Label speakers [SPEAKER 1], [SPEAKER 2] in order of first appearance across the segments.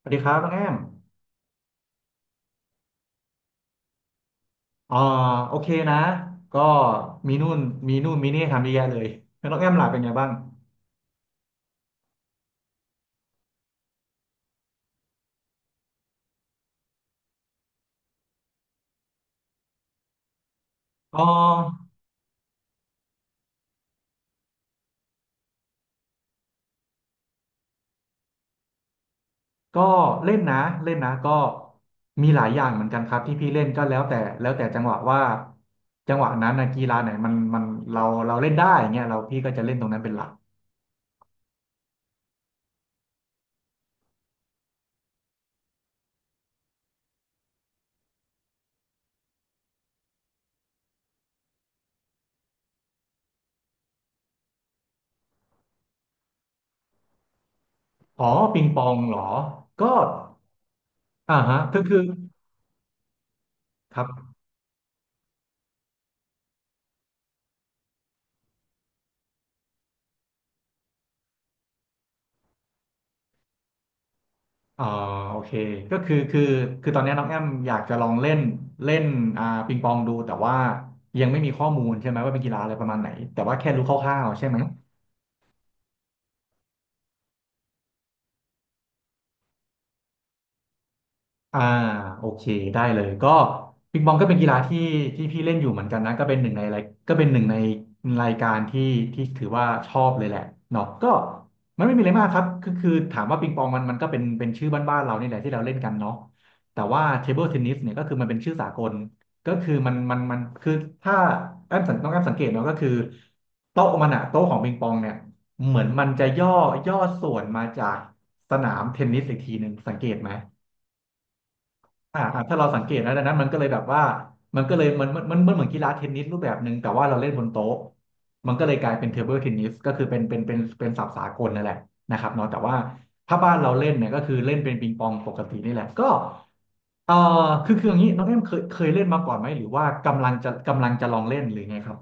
[SPEAKER 1] สวัสดีครับน้องแอมอ่าโอเคนะก็มีนู่นมีนู่นมีนี่ทำเยอะแยะเลยแล้วน้องแอมล่ะเป็นไงบ้างอ๋อก็เล่นนะเล่นนะก็มีหลายอย่างเหมือนกันครับที่พี่เล่นก็แล้วแต่จังหวะว่าจังหวะนั้นนะกีฬาไหนมันเราเราเล่นได้เงี้ยเราพี่ก็จะเล่นตรงนั้นเป็นหลัก อ๋อปิงปองเหรอก็อ่าฮะคือครับ อ๋อโอเคก็คือตอนนี้น้องแอมอยากจะลองเล่นเล่นปิงปองดูแต่ว่ายังไม่มีข้อมูลใช่ไหมว่าเป็นกีฬาอะไรประมาณไหนแต่ว่าแค่รู้คร่าวๆใช่ไหม อ่าโอเคได้เลยก็ปิงปองก็เป็นกีฬาที่ที่พี่เล่นอยู่เหมือนกันนะก็เป็นหนึ่งในรายการที่ที่ถือว่าชอบเลยแหละเนาะก็มันไม่มีอะไรมากครับก็คือถามว่าปิงปองมันก็เป็นชื่อบ้านๆเรานี่แหละที่เราเล่นกันเนาะแต่ว่าเทเบิลเทนนิสเนี่ยก็คือมันเป็นชื่อสากลก็คือมันคือถ้าแอมสังต้องแอมสังเกตเนาะก็คือโต๊ะของปิงปองเนี่ยเหมือนมันจะย่อส่วนมาจากสนามเทนนิสอีกทีหนึ่งสังเกตไหม อ่าอ่าถ้าเราสังเกตนะดังนั้นมันก็เลยแบบว่ามันก็เลยมันมันเหมือนกีฬาเทนนิสรูปแบบหนึ่งแต่ว่าเราเล่นบนโต๊ะมันก็เลยกลายเป็นเทเบิลเทนนิสก็คือเป็นศัพท์สากลนั่นแหละนะครับเนาะแต่ว่าถ้าบ้านเราเล่นเนี่ยก็คือเล่นเป็นปิงปองปกตินี่แหละก็เอ่อคืออย่างนี้น้องเอ็มเคยเล่นมาก่อนไหมหรือว่ากำลังจะลองเล่นหรือไงครับ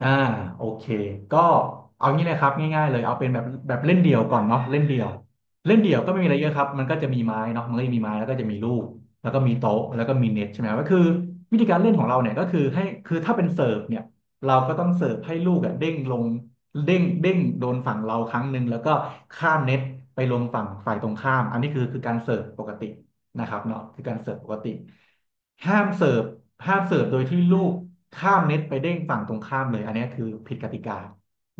[SPEAKER 1] อ่าโอเคก็เอางี้นะครับง่ายๆเลยเอาเป็นแบบเล่นเดี่ยวก่อนเนาะเล่นเดี่ยวเล่นเดี่ยวก็ไม่มีอะไรเยอะครับมันก็จะมีไม้เนาะมันก็จะมีไม้แล้วก็จะมีลูกแล้วก็มีโต๊ะแล้วก็มีเน็ตใช่ไหมก็คือวิธีการเล่นของเราเนี่ยก็คือให้คือถ้าเป็นเสิร์ฟเนี่ยเราก็ต้องเสิร์ฟให้ลูกอะเด้งลงเด้งโดนฝั่งเราครั้งหนึ่งแล้วก็ข้ามเน็ตไปลงฝั่งฝ่ายตรงข้ามอันนี้คือการเสิร์ฟปกติ นะครับเนาะคือการเสิร์ฟปกติห้ามเสิร์ฟห้ามเสิร์ฟโดยที่ลูกข้ามเน็ตไปเด้งฝั่งตรงข้ามเลยอันนี้คือผิดกติกา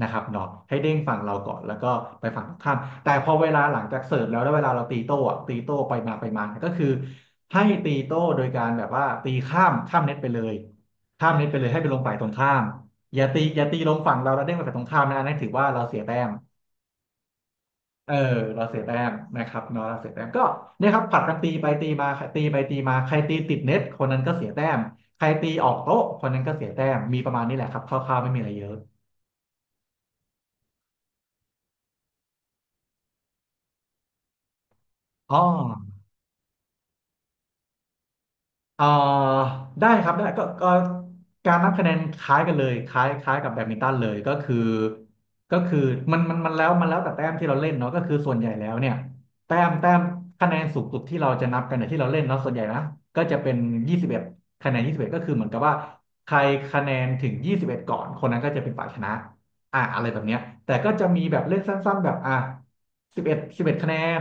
[SPEAKER 1] นะครับเนาะให้เด้งฝั่งเราก่อนแล้วก็ไปฝั่งตรงข้ามแต่พอเวลาหลังจากเสิร์ฟแล้วเวลาเราตีโต้อะตีโต้ไปมาไปมาก็คือให้ตีโต้โดยการแบบว่าตีข้ามเน็ตไปเลยข้ามเน็ตไปเลยให้ไปลงฝ่ายตรงข้ามอย่าตีลงฝั่งเราแล้วเด้งไปฝั่งตรงข้ามนะนั่นถือว่าเราเสียแต้ม เออเราเสียแต้มนะครับเนาะเราเสียแต้มก็เนี่ยครับผลัดกันตีไปตีมาใครตีไปตีมาใครตีติดเน็ตคนนั้นก็เสียแต้มใครตีออกโต๊ะคนนั้นก็เสียแต้มมีประมาณนี้แหละครับคร่าวๆไม่มีอะไรเยอะอ๋อ เอ่อได้ครับได้ก็การนับคะแนนคล้ายกันเลยคล้ายกับแบดมินตันเลยก็คือมันแล้วแต่แต้มที่เราเล่นเนาะก็คือส่วนใหญ่แล้วเนี่ยแต้มคะแนนสูงสุดที่เราจะนับกันเนี่ยที่เราเล่นเนาะส่วนใหญ่นะก็จะเป็นยี่สิบเอ็ดคะแนนยี่สิบเอ็ดก็คือเหมือนกับว่าใครคะแนนถึงยี่สิบเอ็ดก่อนคนนั้นก็จะเป็นฝ่ายชนะ อ่ะอะไรแบบเนี้ยแต่ก็จะมีแบบเลขสั้นๆแบบอ่ะสิบเอ็ดคะแนน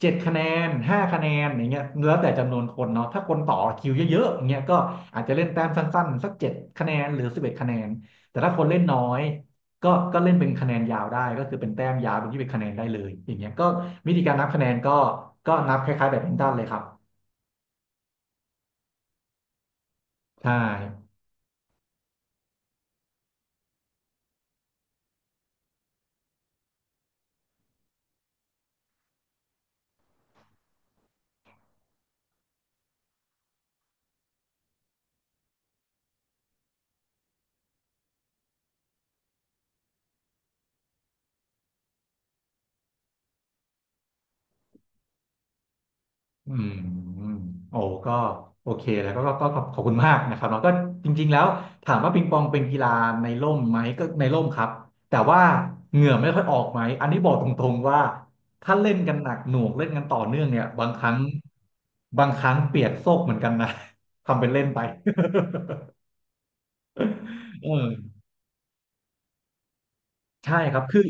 [SPEAKER 1] เจ็ดคะแนนห้าคะแนนอย่างเงี้ยแล้วแต่จำนวนคนเนาะถ้าคนต่อคิวเยอะๆอย่างเงี้ยก็อาจจะเล่นแต้มสั้นๆสักเจ็ดคะแนนหรือสิบเอ็ดคะแนนแต่ถ้าคนเล่นน้อยก็เล่นเป็นคะแนนยาวได้ก็คือเป็นแต้มยาวเป็นที่เป็นคะแนนได้เลยอย่างเงี้ยก็วิธีการนับคะแนนก็นับคล้ายๆแบดมินตันเลยครับใช่ อืมโอ้ก็โอเคแล้วก็ขอบคุณมากนะครับแล้วก็จริงๆแล้วถามว่าปิงปองเป็นกีฬาในร่มไหมก็ในร่มครับแต่ว่าเหงื่อไม่ค่อยออกไหมอันนี้บอกตรงๆว่าถ้าเล่นกันหนักหน่วงเล่นกันต่อเนื่องเนี่ยบางครั้งเปียกโซกเหมือนกันนะ ทำเป็นเล่นไป เออใช่ครับคือ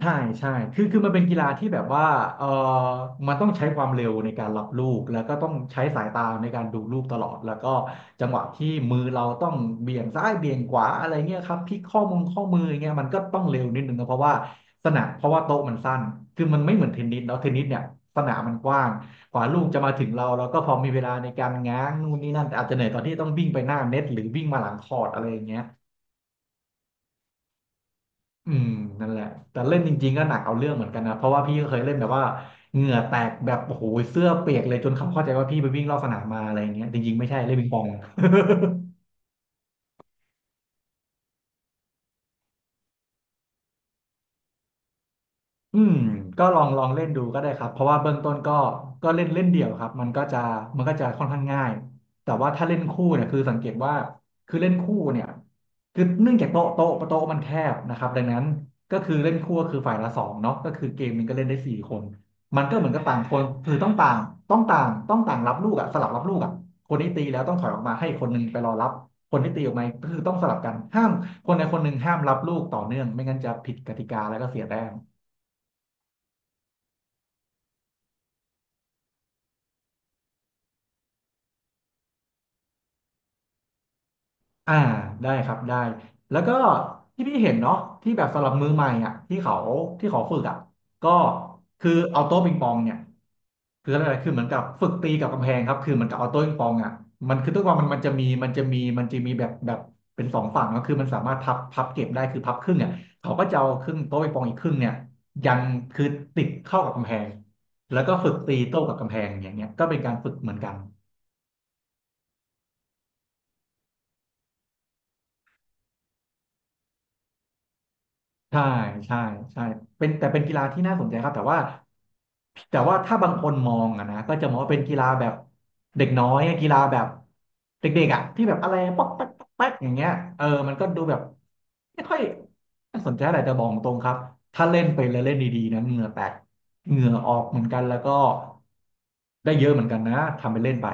[SPEAKER 1] ใช่ใช่ คือมันเป็นกีฬาที่แบบว่าเออมันต้องใช้ความเร็วในการรับลูกแล้วก็ต้องใช้สายตาในการดูลูกตลอดแล้วก็จังหวะที่มือเราต้องเบี่ยงซ้ายเบี่ยงขวาอะไรเงี้ยครับพลิกข้อมืออย่างเงี้ยมันก็ต้องเร็วนิดนึงนะเพราะว่าสนามเพราะว่าโต๊ะมันสั้นคือมันไม่เหมือนเทนนิสเนาะเทนนิสเนี่ยสนามมันกว้างกว่าลูกจะมาถึงเราแล้วก็พอมีเวลาในการง้างนู่นนี่นั่นแต่อาจจะเหนื่อยตอนที่ต้องวิ่งไปหน้าเน็ตหรือวิ่งมาหลังคอร์ตอะไรอย่างเงี้ย อืมนั่นแหละแต่เล่นจริงๆก็หนักเอาเรื่องเหมือนกันนะเพราะว่าพี่ก็เคยเล่นแบบว่าเหงื่อแตกแบบโอ้โหเสื้อเปียกเลยจนเขาเข้าใจว่าพี่ไปวิ่งรอบสนามมาอะไรอย่างเงี้ยจริงๆไม่ใช่เล่นปิงปอง อืมก็ลองเล่นดูก็ได้ครับเพราะว่าเบื้องต้นก็ก็เล่นเล่นเดี่ยวครับมันก็จะค่อนข้างง่ายแต่ว่าถ้าเล่นคู่เนี่ยคือสังเกตว่าคือเล่นคู่เนี่ยคือเนื่องจากโต๊ะมันแคบนะครับดังนั้นก็คือเล่นคู่ก็คือฝ่ายละสองเนาะก็คือเกมมันงก็เล่นได้สี่คนมันก็เหมือนกับต่างคนคือต้องต่างต้องต่างต้องต่างรับลูกอะสลับรับลูกอะคนที่ตีแล้วต้องถอยออกมาให้คนหนึงไปรอรับคนที่ตีออกมาก็คือต้องสลับกันห้ามคนใดคนหนึ่งห้ามรับลูกต่อเนื่องไม่งั้นจะผิดกติกาแล้วก็เสียแต้ม อ่าได้ครับได้แล้วก็ที่พี่เห็นเนาะที่แบบสำหรับมือใหม่อ่ะที่เขาที่เขาฝึกอ่ะก็คือเอาโต๊ะปิงปองเนี่ยคืออะไรคือเหมือนกับฝึกตีกับกำแพงครับคือเหมือนกับเอาโต๊ะปิงปองอ่ะมันคือตัวมันมันจะมีแบบเป็นสองฝั่งก็คือมันสามารถพับเก็บได้คือพับครึ่งเนี่ยเขาก็จะเอาครึ่งโต๊ะปิงปองอีกครึ่งเนี่ยยังคือติดเข้ากับกำแพงแล้วก็ฝึกตีโต้กับกำแพงอย่างเงี้ยก็เป็นการฝึกเหมือนกัน ใช่ใช่ใช่เป็นแต่เป็นกีฬาที่น่าสนใจครับแต่ว่าถ้าบางคนมองอะนะก็จะมองว่าเป็นกีฬาแบบเด็กน้อยอะกีฬาแบบเด็กๆอะที่แบบอะไรป๊อกแป๊กป๊อกแป๊กอย่างเงี้ยเออมันก็ดูแบบไม่ค่อยน่าสนใจอะไรแต่บอกตรงครับถ้าเล่นไปแล้วเล่นดีๆนะเหงื่อแตกเหงื่อออกเหมือนกันแล้วก็ได้เยอะเหมือนกันนะทำไปเล่นไป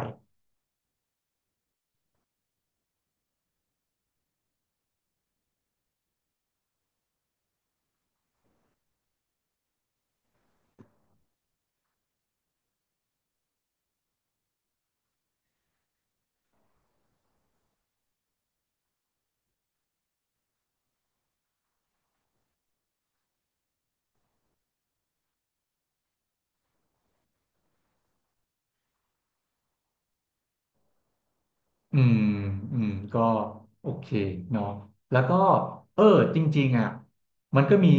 [SPEAKER 1] อืมอืมก็โอเคเนาะแล้วก็เออจริงๆอ่ะมันก็มี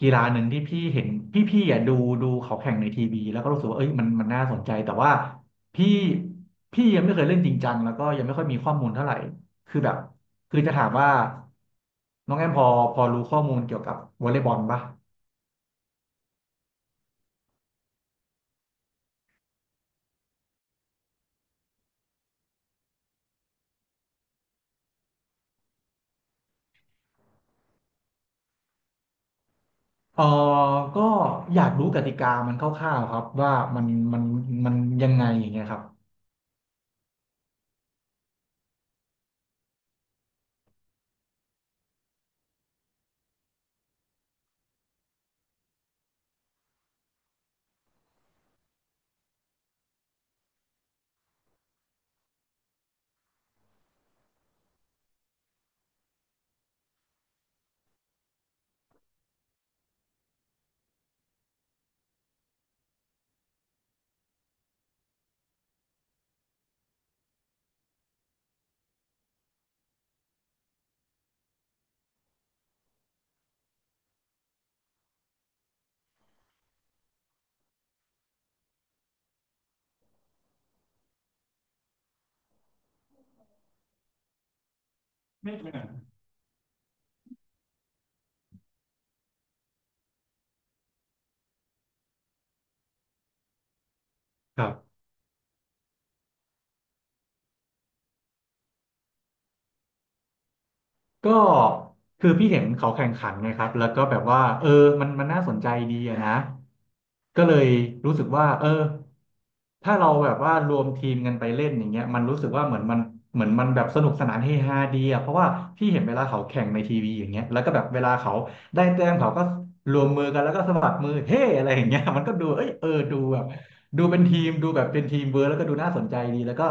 [SPEAKER 1] กีฬาหนึ่งที่พี่เห็นพี่อ่ะดูเขาแข่งในทีวีแล้วก็รู้สึกว่าเอ้ยมันน่าสนใจแต่ว่าพี่พี่ยังไม่เคยเล่นจริงจังแล้วก็ยังไม่ค่อยมีข้อมูลเท่าไหร่คือแบบคือจะถามว่าน้องแอมพอรู้ข้อมูลเกี่ยวกับวอลเลย์บอลปะเออก็อยากรู้กติกามันคร่าวๆครับว่ามันมันยังไงอย่างเงี้ยครับไม่เนครับ ก็คือพี่เห็นเขาแข่งขันไงครับแล้วก็แบบว่าเออมันน่าสนใจดีอะนะก็เลยรู้สึกว่าเออถ้าเราแบบว่ารวมทีมกันไปเล่นอย่างเงี้ยมันรู้สึกว่าเหมือนมันเหมือนมันแบบสนุกสนานเฮฮาดีอะเพราะว่าพี่เห็นเวลาเขาแข่งในทีวีอย่างเงี้ยแล้วก็แบบเวลาเขาได้แต้มเขาก็รวมมือกันแล้วก็สะบัดมือเฮ้อะไรอย่างเงี้ยมันก็ดูเอ้ยเออดูแบบดูเป็นทีมดูแบบเป็นทีมเวิร์กแล้วก็ดูน่าสนใจดีแล้วก็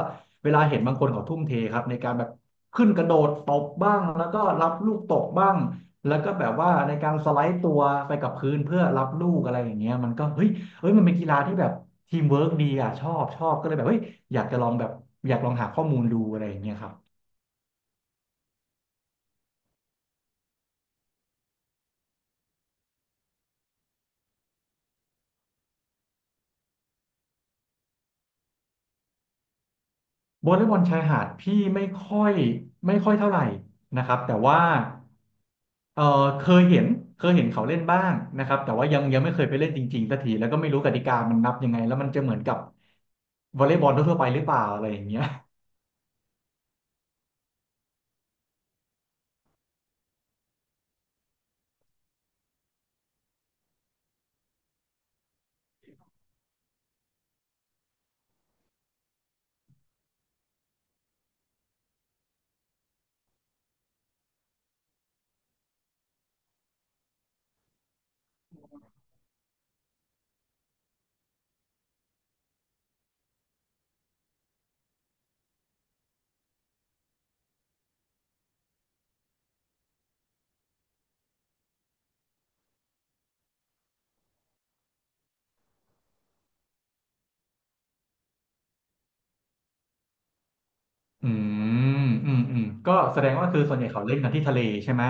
[SPEAKER 1] เวลาเห็นบางคนเขาทุ่มเทครับในการแบบ ขึ้นกระโดดตบบ้างแล้วก็รับลูกตกบ้างแล้วก็แบบว่าในการสไลด์ตัวไปกับพื้นเพื่อรับลูกอะไรอย่างเงี้ยมันก็เฮ้ยมันเป็นกีฬาที่แบบทีมเวิร์กดีอ่ะชอบก็เลยแบบเฮ้ยอยากจะลองแบบอยากลองหาข้อมูลดูอะไรอย่างเงี้ยครับวอลเลย์บอลชายหาดพี่ไม่ค่อยเท่าไหร่นะครับแต่ว่าเออเคยเห็นเคยเห็นเขาเล่นบ้างนะครับแต่ว่ายังไม่เคยไปเล่นจริงๆสักทีแล้วก็ไม่รู้กติกามันนับยังไงแล้วมันจะเหมือนกับวอลเลย์บอลทั่วๆไปหรือเปล่าอะไรอย่างเงี้ย อืมอืมก็แสดงว่าคือส่วนใหญ่เขาเล่นกันที่ทะเลใช่ไหม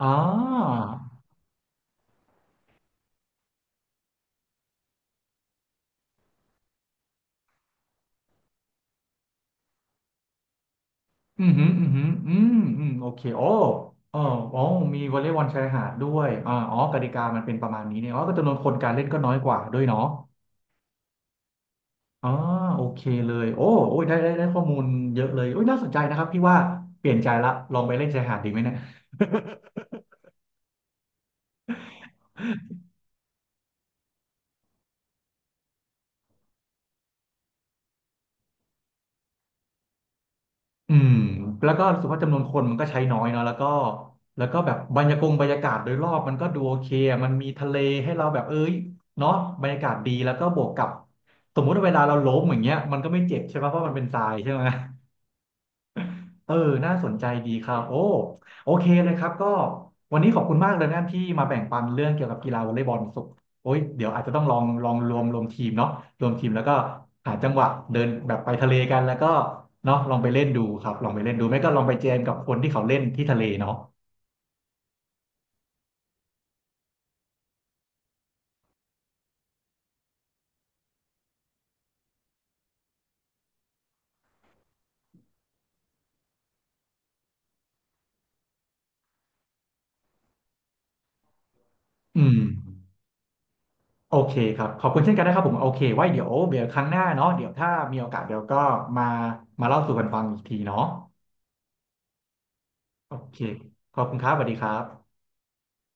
[SPEAKER 1] อ๋ออืมอหืมออืมอหืมออืมอืมโอเคโอ้อ๋ออ๋อมีวอลเลย์บอลชายหาดด้วยอ๋อกติกามันเป็นประมาณนี้เนี่ยอ๋อก็จำนวนคนการเล่นก็น้อยกว่าด้วยเนาะอ๋อโอเคเลยโอ้โอ้ยได้ข้อมูลเยอะเลยโอ้ยน่าสนใจนะครับพี่ว่าเปลี่ยนใจละ ลองไปเล่นชายหาดดีไหมเนี่ย อืมแล้วก็รู้สึกว่าจำนวนคนมันก็ใช้น้อยเนาะแล้วก็แบบบรรยากงบรรยากาศโดยรอบมันก็ดูโอเคอะมันมีทะเลให้เราแบบเอ้ยเนาะบรรยากาศดีแล้วก็บวกกับสมมุติว่าเวลาเราล้มอย่างเงี้ยมันก็ไม่เจ็บใช่ปะเพราะมันเป็นทรายใช่ไหม เออ น่าสนใจดีครับโอ้โอเคเลยครับก็วันนี้ขอบคุณมากเลยนะที่มาแบ่งปันเรื่องเกี่ยวกับกีฬาวอลเลย์บอลสุกโอ้ยเดี๋ยวอาจจะต้องลองรวมทีมเนาะรวมทีมแล้วก็หาจังหวะเดินแบบไปทะเลกันแล้วก็เนาะลองไปเล่นดูครับลองไปเล่นดูไม่ก็ลองไปแจมกับคนที่เขาเล่นที่ทะเลเนาะอืมโอเคครับขอบคุณเช่นกันนะครับผมโอเคไว้เดี๋ยวครั้งหน้าเนาะเดี๋ยวถ้ามีโอกาสเดี๋ยวก็มามาเล่าสู่กันฟังอีกทีเนาะโอเคขอบคุณครับสวัสดีครับ